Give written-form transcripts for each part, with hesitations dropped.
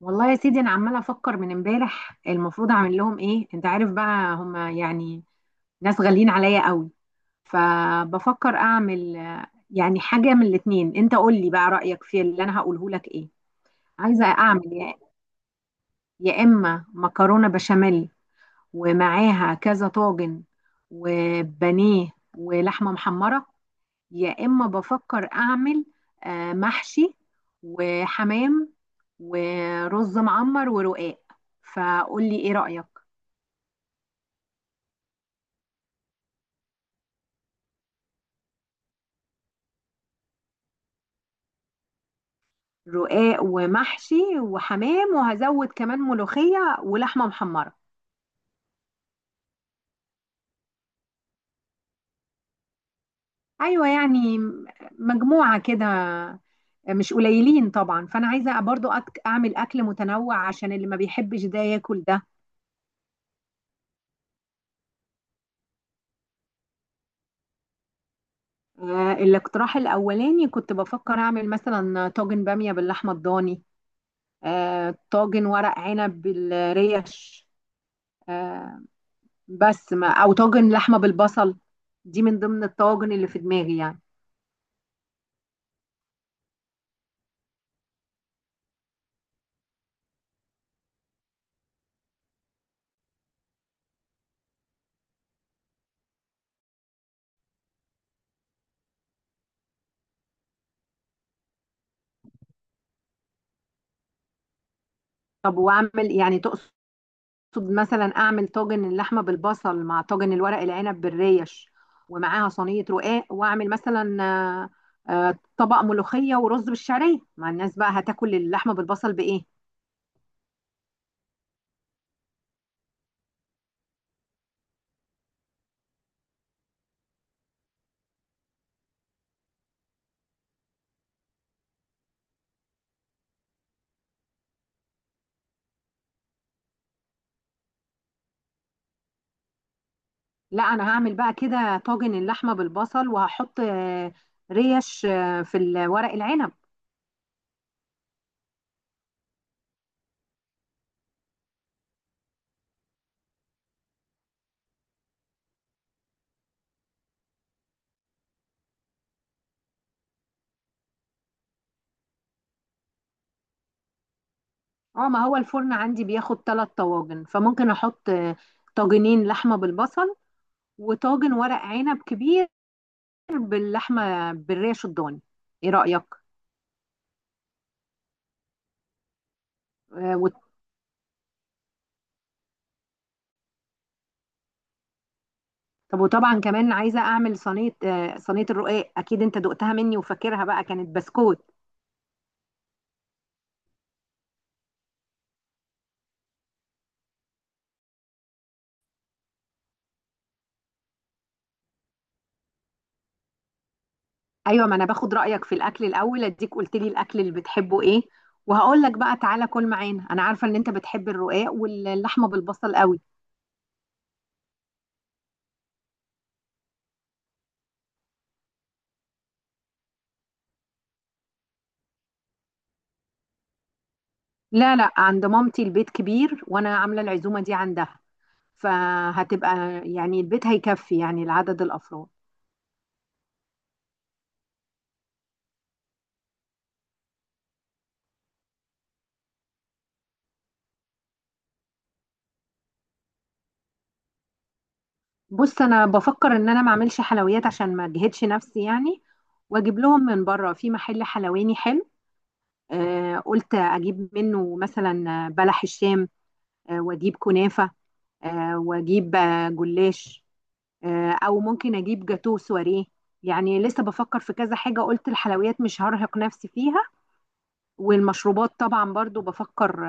والله يا سيدي، انا عماله افكر من امبارح. المفروض اعمل لهم ايه؟ انت عارف بقى، هما يعني ناس غاليين عليا قوي. فبفكر اعمل يعني حاجه من الاتنين. انت قول لي بقى رايك في اللي انا هقوله لك ايه. عايزه اعمل يا اما مكرونه بشاميل، ومعاها كذا طاجن، وبانيه، ولحمه محمره. يا إما بفكر أعمل محشي، وحمام، ورز معمر، ورقاق. فقولي إيه رأيك؟ رقاق ومحشي وحمام، وهزود كمان ملوخية ولحمة محمرة. أيوة، يعني مجموعة كده، مش قليلين طبعا. فأنا عايزة برضو أعمل أكل متنوع عشان اللي ما بيحبش ده ياكل ده. الاقتراح الأولاني كنت بفكر أعمل مثلا طاجن بامية باللحمة الضاني، طاجن ورق عنب بالريش، آه، بس ما او طاجن لحمه بالبصل. دي من ضمن الطواجن اللي في دماغي يعني. طب واعمل، يعني تقصد مثلا اعمل طاجن اللحمه بالبصل مع طاجن الورق العنب بالريش، ومعاها صينيه رقاق. واعمل مثلا طبق ملوخيه ورز بالشعريه. مع الناس بقى هتاكل اللحمه بالبصل بايه؟ لا، انا هعمل بقى كده طاجن اللحمه بالبصل، وهحط ريش في الورق العنب. اه، ما هو الفرن عندي بياخد ثلاث طواجن. فممكن احط طاجنين لحمه بالبصل، وطاجن ورق عنب كبير باللحمه بالريش الضاني. ايه رايك؟ آه وت- طب وطبعا كمان عايزه اعمل صينيه، صينيه الرقاق. اكيد انت دقتها مني وفاكرها بقى، كانت بسكوت. ايوه، ما انا باخد رايك في الاكل الاول، اديك قلت لي الاكل اللي بتحبه ايه، وهقول لك بقى تعالى كل معانا. انا عارفه ان انت بتحب الرقاق واللحمه بالبصل قوي. لا لا، عند مامتي البيت كبير، وانا عامله العزومه دي عندها. فهتبقى يعني البيت هيكفي يعني لعدد الافراد. بص، انا بفكر ان انا ما اعملش حلويات عشان ما اجهدش نفسي يعني، واجيب لهم من بره في محل حلواني حلو. قلت اجيب منه مثلا بلح الشام، واجيب كنافه، واجيب جلاش، او ممكن اجيب جاتو سواريه. يعني لسه بفكر في كذا حاجه. قلت الحلويات مش هرهق نفسي فيها. والمشروبات طبعا برضو بفكر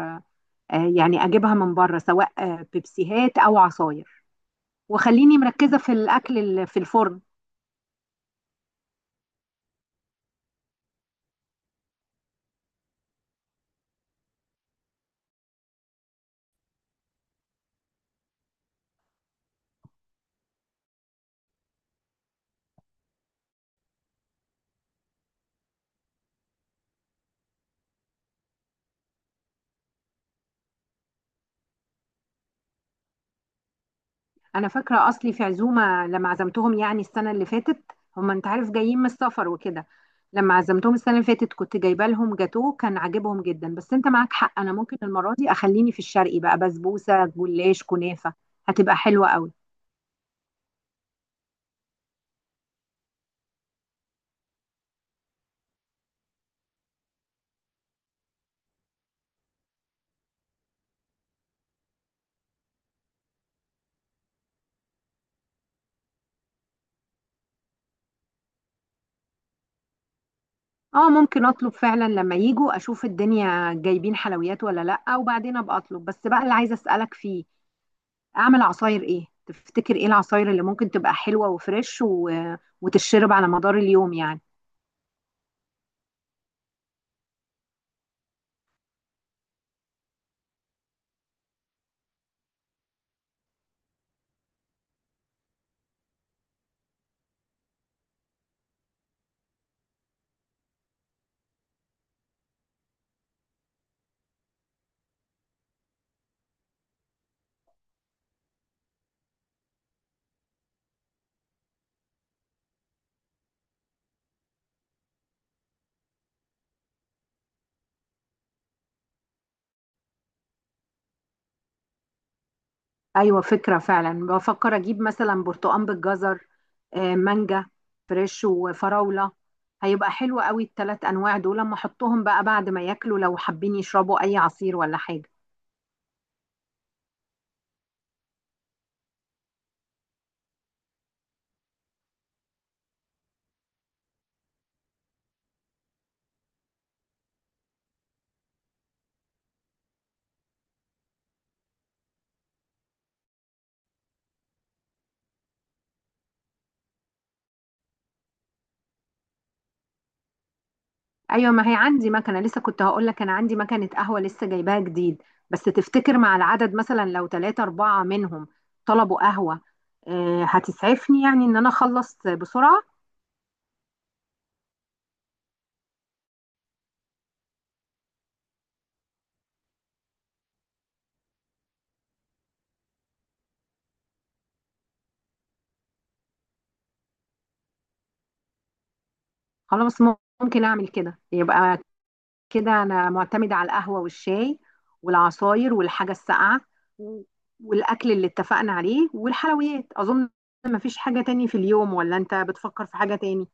يعني اجيبها من بره سواء بيبسيهات او عصاير، وخليني مركزة في الأكل في الفرن. أنا فاكرة أصلي في عزومة لما عزمتهم يعني السنة اللي فاتت. هما أنت عارف جايين من السفر وكده. لما عزمتهم السنة اللي فاتت كنت جايبة لهم جاتوه، كان عاجبهم جدا. بس أنت معاك حق، أنا ممكن المرة دي أخليني في الشرقي بقى: بسبوسة، جلاش، كنافة. هتبقى حلوة قوي. اه، ممكن اطلب فعلا لما يجوا اشوف الدنيا جايبين حلويات ولا لا، وبعدين ابقى اطلب. بس بقى اللي عايزه اسالك فيه، اعمل عصاير ايه؟ تفتكر ايه العصاير اللي ممكن تبقى حلوة وفريش وتتشرب على مدار اليوم يعني؟ ايوه، فكرة فعلا. بفكر اجيب مثلا برتقان بالجزر، مانجا فريش، وفراولة. هيبقى حلو قوي الثلاث انواع دول، لما احطهم بقى بعد ما ياكلوا لو حابين يشربوا اي عصير ولا حاجة. ايوه، ما هي عندي مكنه لسه. كنت هقول لك انا عندي مكنه قهوه لسه جايباها جديد. بس تفتكر مع العدد مثلا لو ثلاثة أربعة منهم طلبوا قهوة، هتسعفني يعني إن أنا أخلص بسرعة؟ خلاص، ممكن أعمل كده. يبقى كده أنا معتمدة على القهوة والشاي والعصاير والحاجة الساقعة و- والأكل اللي اتفقنا عليه والحلويات. أظن مفيش حاجة تاني في اليوم، ولا أنت بتفكر في حاجة تاني؟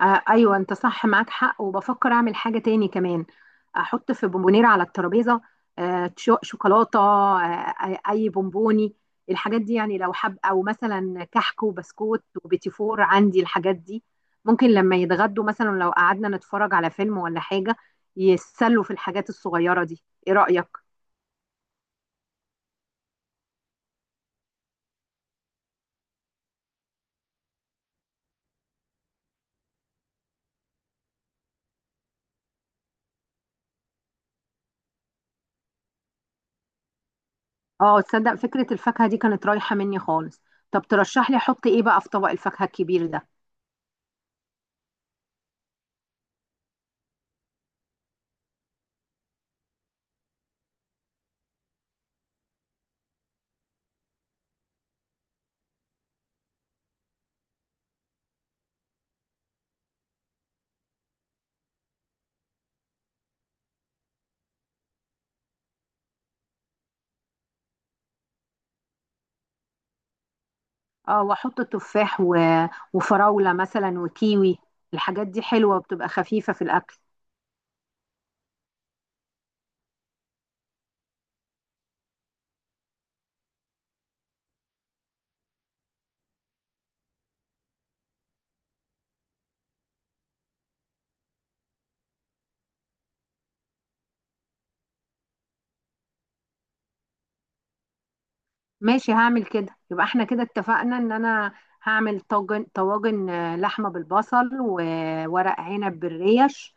آه ايوه، انت صح معاك حق. وبفكر اعمل حاجه تاني كمان، احط في بونبونيره على الترابيزه شوكولاته، اي بونبوني. الحاجات دي يعني لو حب او مثلا كحك وبسكوت وبيتي فور، عندي الحاجات دي. ممكن لما يتغدوا مثلا لو قعدنا نتفرج على فيلم ولا حاجه، يتسلوا في الحاجات الصغيره دي. ايه رايك؟ اه، تصدق فكره الفاكهه دي كانت رايحه مني خالص. طب ترشح لي احط ايه بقى في طبق الفاكهه الكبير ده؟ اه، واحط تفاح وفراولة مثلا وكيوي. الحاجات دي حلوة وبتبقى خفيفة في الأكل. ماشي، هعمل كده. يبقى احنا كده اتفقنا ان انا هعمل طواجن لحمة بالبصل، وورق عنب بالريش،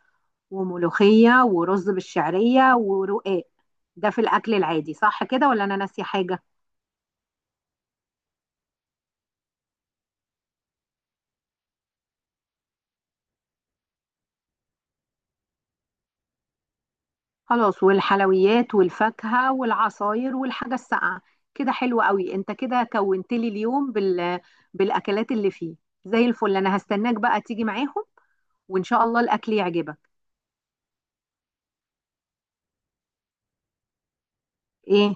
وملوخية، ورز بالشعرية، ورقاق. ده في الأكل العادي، صح كده ولا أنا ناسية حاجة؟ خلاص، والحلويات والفاكهة والعصاير والحاجة الساقعة. كده حلو قوي، انت كده كونت لي اليوم بالأكلات اللي فيه. زي الفل، انا هستناك بقى تيجي معاهم، وان شاء الله الأكل يعجبك. ايه؟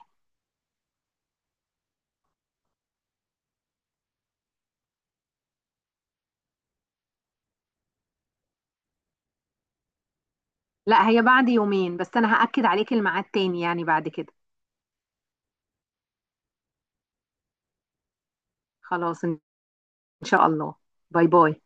لا، هي بعد يومين. بس انا هأكد عليك الميعاد تاني يعني بعد كده. خلاص، ان شاء الله. باي باي.